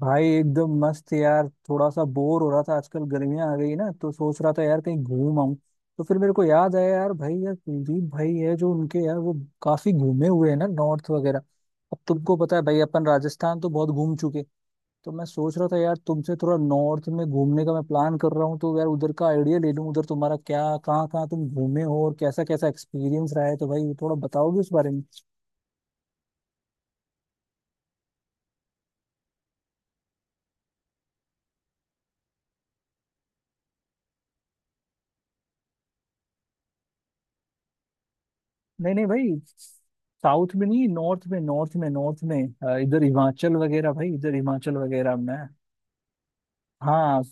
भाई एकदम मस्त यार, थोड़ा सा बोर हो रहा था। आजकल गर्मियां आ गई ना, तो सोच रहा था यार कहीं घूम आऊं। तो फिर मेरे को याद आया यार, भाई यार कुलदीप भाई है जो, उनके यार वो काफी घूमे हुए हैं ना, नॉर्थ वगैरह। अब तुमको पता है भाई, अपन राजस्थान तो बहुत घूम चुके। तो मैं सोच रहा था यार तुमसे, थोड़ा नॉर्थ में घूमने का मैं प्लान कर रहा हूँ, तो यार उधर का आइडिया ले लूँ। उधर तुम्हारा क्या, कहाँ कहाँ तुम घूमे हो और कैसा कैसा एक्सपीरियंस रहा है, तो भाई थोड़ा बताओगे उस बारे में? नहीं नहीं भाई। साउथ में नहीं, नॉर्थ में, नॉर्थ में, नॉर्थ में। इधर हिमाचल वगैरह भाई, इधर हिमाचल वगैरह में। हाँ।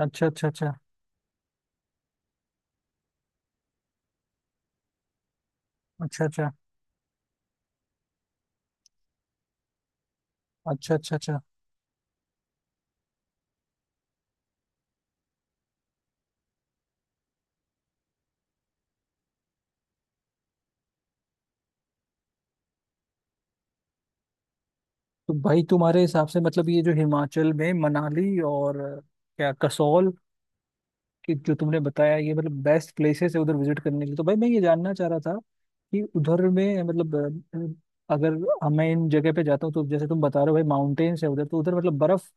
अच्छा अच्छा अच्छा अच्छा। अच्छा अच्छा अच्छा अच्छा। तो भाई तुम्हारे हिसाब से मतलब ये जो हिमाचल में मनाली और क्या कसौल, कि जो तुमने बताया, ये मतलब बेस्ट प्लेसेस है उधर विजिट करने के लिए, तो भाई मैं ये जानना चाह रहा था कि उधर में मतलब अगर अब मैं इन जगह पे जाता हूँ, तो जैसे तुम बता रहे हो भाई माउंटेन्स है उधर, तो उधर मतलब बर्फ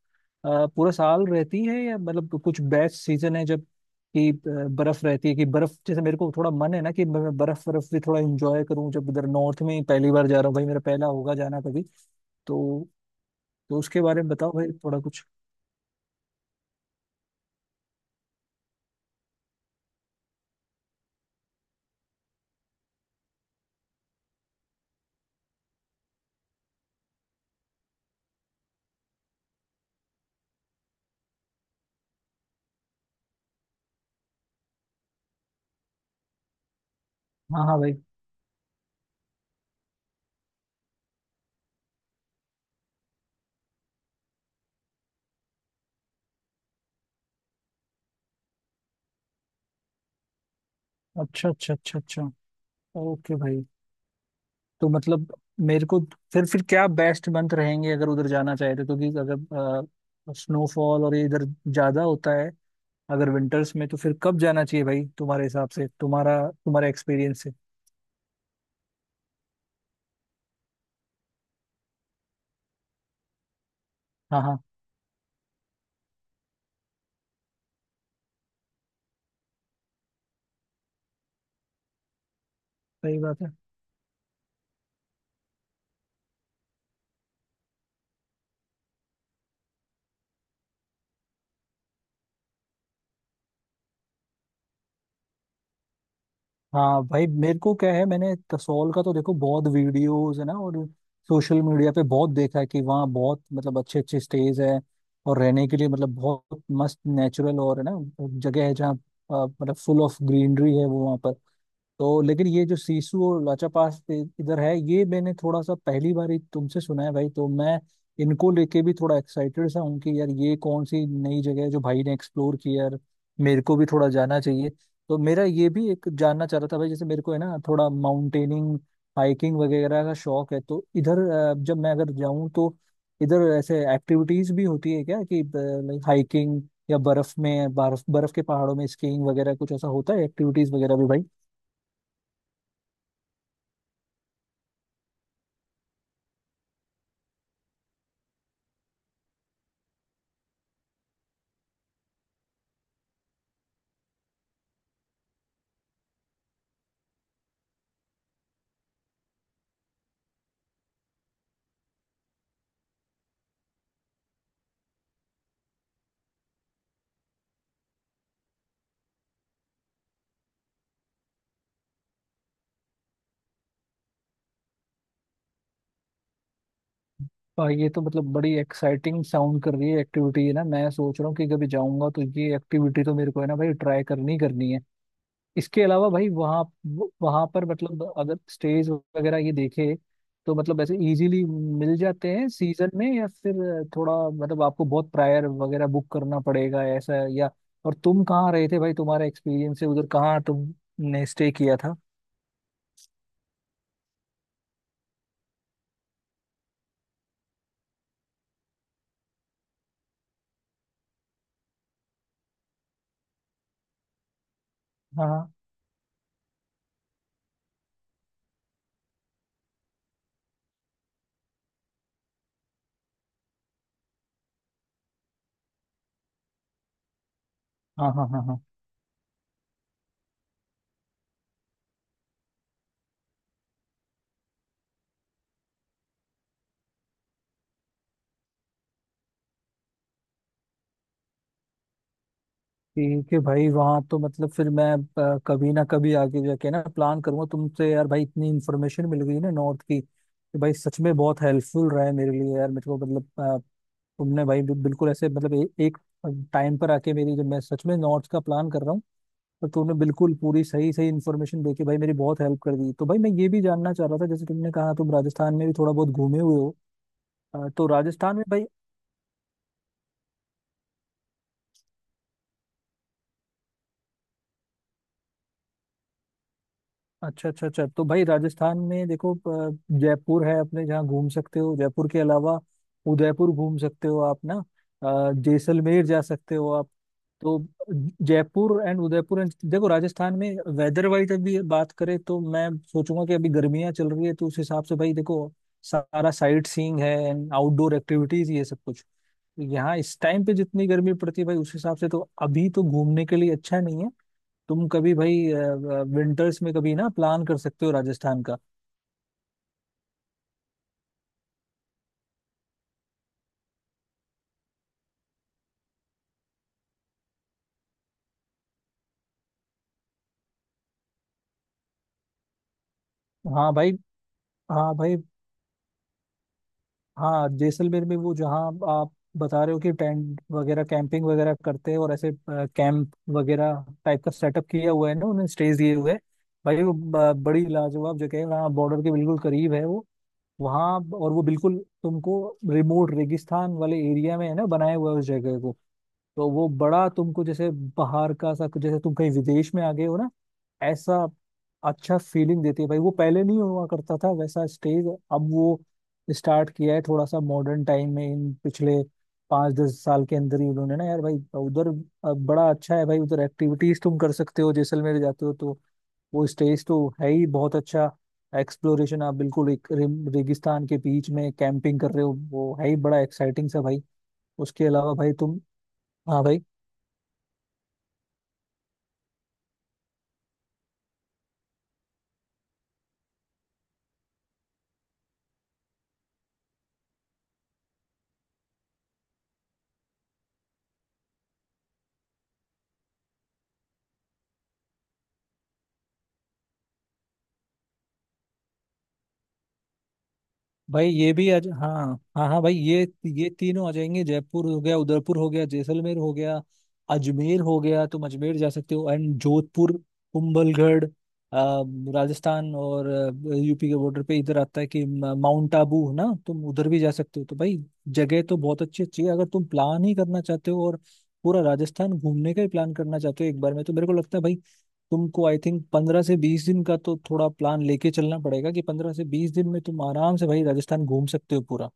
पूरा साल रहती है या मतलब कुछ बेस्ट सीजन है जब कि बर्फ रहती है, कि बर्फ, जैसे मेरे को थोड़ा मन है ना, कि मैं बर्फ बर्फ भी थोड़ा इंजॉय करूँ जब उधर नॉर्थ में पहली बार जा रहा हूँ, भाई मेरा पहला होगा जाना कभी। तो तो उसके बारे में बताओ भाई थोड़ा कुछ। हाँ हाँ भाई। अच्छा अच्छा अच्छा अच्छा। ओके भाई। तो मतलब मेरे को, फिर क्या बेस्ट मंथ रहेंगे अगर उधर जाना चाहे तो? क्योंकि अगर स्नोफॉल और ये इधर ज्यादा होता है अगर विंटर्स में, तो फिर कब जाना चाहिए भाई तुम्हारे हिसाब से, तुम्हारा तुम्हारा एक्सपीरियंस से? हाँ हाँ। सही बात है। हाँ भाई मेरे को क्या है, मैंने कसौल का तो देखो बहुत वीडियोस है ना, और सोशल मीडिया पे बहुत देखा है कि वहाँ बहुत मतलब अच्छे अच्छे स्टेज है और रहने के लिए मतलब बहुत मस्त नेचुरल और है ना जगह है, जहाँ मतलब फुल ऑफ ग्रीनरी है वो वहाँ पर। तो लेकिन ये जो सीसू और लाचापास इधर है, ये मैंने थोड़ा सा पहली बार ही तुमसे सुना है भाई, तो मैं इनको लेके भी थोड़ा एक्साइटेड सा हूँ कि यार ये कौन सी नई जगह है जो भाई ने एक्सप्लोर की, यार मेरे को भी थोड़ा जाना चाहिए। तो मेरा ये भी एक जानना चाह रहा था भाई, जैसे मेरे को है ना थोड़ा माउंटेनिंग हाइकिंग वगैरह का शौक है, तो इधर जब मैं अगर जाऊँ तो इधर ऐसे एक्टिविटीज भी होती है क्या कि लाइक हाइकिंग, या बर्फ में, बर्फ बर्फ के पहाड़ों में स्कीइंग वगैरह, कुछ ऐसा होता है एक्टिविटीज वगैरह भी भाई? ये तो मतलब बड़ी एक्साइटिंग साउंड कर रही है एक्टिविटी है ना, मैं सोच रहा हूँ कि कभी जाऊंगा तो ये एक्टिविटी तो मेरे को है ना भाई ट्राई करनी ही करनी है। इसके अलावा भाई वहाँ वहाँ पर मतलब अगर स्टेज वगैरह ये देखे, तो मतलब ऐसे इजीली मिल जाते हैं सीजन में, या फिर थोड़ा मतलब आपको बहुत प्रायर वगैरह बुक करना पड़ेगा ऐसा, या और तुम कहाँ रहे थे भाई, तुम्हारा एक्सपीरियंस है उधर, कहाँ तुमने स्टे किया था? हाँ हाँ हाँ हाँ हाँ। ठीक है भाई। वहाँ तो मतलब, फिर मैं कभी ना कभी आगे जाके ना प्लान करूंगा तुमसे यार, भाई इतनी इन्फॉर्मेशन मिल गई ना नॉर्थ की कि भाई सच में बहुत हेल्पफुल रहा है मेरे लिए यार, मेरे को मतलब तुमने भाई बिल्कुल ऐसे, मतलब एक टाइम पर आके मेरी, जब मैं सच में नॉर्थ का प्लान कर रहा हूँ, तो तुमने बिल्कुल पूरी सही सही इन्फॉर्मेशन दे के भाई मेरी बहुत हेल्प कर दी। तो भाई मैं ये भी जानना चाह रहा था, जैसे तुमने कहा तुम राजस्थान में भी थोड़ा बहुत घूमे हुए हो, तो राजस्थान में भाई। अच्छा अच्छा अच्छा। तो भाई राजस्थान में देखो, अ, जयपुर है अपने जहाँ घूम सकते हो, जयपुर के अलावा उदयपुर घूम सकते हो आप ना, जैसलमेर जा सकते हो आप। तो जयपुर एंड उदयपुर देखो, राजस्थान में वेदर वाइज अभी बात करें तो मैं सोचूंगा कि अभी गर्मियाँ चल रही है, तो उस हिसाब से भाई देखो, सारा साइट सीइंग है एंड आउटडोर एक्टिविटीज, ये सब कुछ यहाँ इस टाइम पे जितनी गर्मी पड़ती है भाई, उस हिसाब से तो अभी तो घूमने के लिए अच्छा नहीं है। तुम कभी भाई विंटर्स में कभी ना प्लान कर सकते हो राजस्थान का। हाँ भाई। हाँ भाई। हाँ, जैसलमेर में वो, जहाँ आप बता रहे हो कि टेंट वगैरह कैंपिंग वगैरह करते हैं, और ऐसे कैंप वगैरह टाइप का सेटअप किया हुआ है ना उन्होंने, स्टेज दिए हुए हैं। भाई वो बड़ी लाजवाब जगह है, वहाँ बॉर्डर के बिल्कुल करीब है वो, वहाँ। और वो बिल्कुल तुमको रिमोट रेगिस्तान वाले एरिया में है ना बनाया हुआ है उस जगह को, तो वो बड़ा तुमको जैसे बाहर का सा, जैसे तुम कहीं विदेश में आ गए हो ना, ऐसा अच्छा फीलिंग देती है भाई वो। पहले नहीं हुआ करता था वैसा स्टेज, अब वो स्टार्ट किया है थोड़ा सा मॉडर्न टाइम में, इन पिछले 5-10 साल के अंदर ही उन्होंने ना यार भाई उधर। अब बड़ा अच्छा है भाई, उधर एक्टिविटीज तुम कर सकते हो, जैसलमेर जाते हो तो वो स्टेज तो है ही बहुत अच्छा, एक्सप्लोरेशन आप बिल्कुल एक रेगिस्तान के बीच में कैंपिंग कर रहे हो, वो है ही बड़ा एक्साइटिंग सा भाई। उसके अलावा भाई तुम, हाँ भाई। भाई ये भी आज, हाँ हाँ हाँ भाई ये तीनों आ जाएंगे, जयपुर हो गया, उदयपुर हो गया, जैसलमेर हो गया, अजमेर हो गया, तुम अजमेर जा सकते हो एंड जोधपुर, कुंभलगढ़, राजस्थान और यूपी के बॉर्डर पे इधर आता है कि माउंट आबू है ना, तुम उधर भी जा सकते हो। तो भाई जगह तो बहुत अच्छी अच्छी है, अगर तुम प्लान ही करना चाहते हो और पूरा राजस्थान घूमने का ही प्लान करना चाहते हो एक बार में, तो मेरे को लगता है भाई तुमको आई थिंक 15 से 20 दिन का तो थोड़ा प्लान लेके चलना पड़ेगा, कि 15 से 20 दिन में तुम आराम से भाई राजस्थान घूम सकते हो पूरा।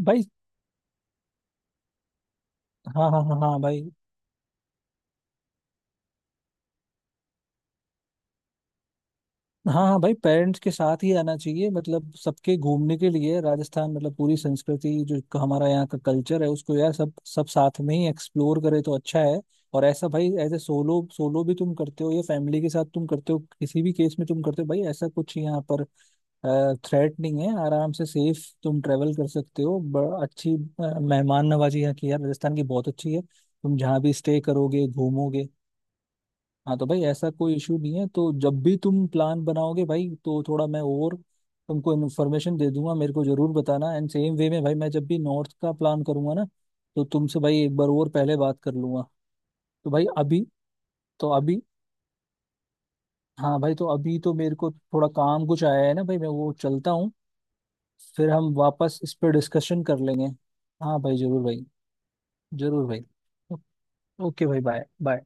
भाई, हाँ हाँ हाँ हाँ भाई। हाँ हाँ भाई, पेरेंट्स के साथ ही आना चाहिए, मतलब सबके घूमने के लिए राजस्थान, मतलब पूरी संस्कृति जो, हमारा यहाँ का कल्चर है उसको यार सब सब साथ में ही एक्सप्लोर करे तो अच्छा है। और ऐसा भाई, एज ए सोलो, सोलो भी तुम करते हो या फैमिली के साथ तुम करते हो, किसी भी केस में तुम करते हो भाई ऐसा कुछ यहाँ पर थ्रेट नहीं है, आराम से सेफ तुम ट्रेवल कर सकते हो, बड़ा अच्छी मेहमान नवाजी यहाँ की है, राजस्थान की बहुत अच्छी है, तुम जहाँ भी स्टे करोगे घूमोगे। हाँ, तो भाई ऐसा कोई इशू नहीं है, तो जब भी तुम प्लान बनाओगे भाई तो थोड़ा मैं और तुमको इन्फॉर्मेशन दे दूंगा, मेरे को जरूर बताना, एंड सेम वे में भाई मैं जब भी नॉर्थ का प्लान करूंगा ना, तो तुमसे भाई एक बार और पहले बात कर लूंगा। तो भाई अभी, तो अभी, हाँ भाई, तो अभी तो मेरे को थोड़ा काम कुछ आया है ना भाई, मैं वो चलता हूँ। फिर हम वापस इस पर डिस्कशन कर लेंगे। हाँ भाई जरूर भाई, जरूर भाई, ओके भाई, बाय बाय।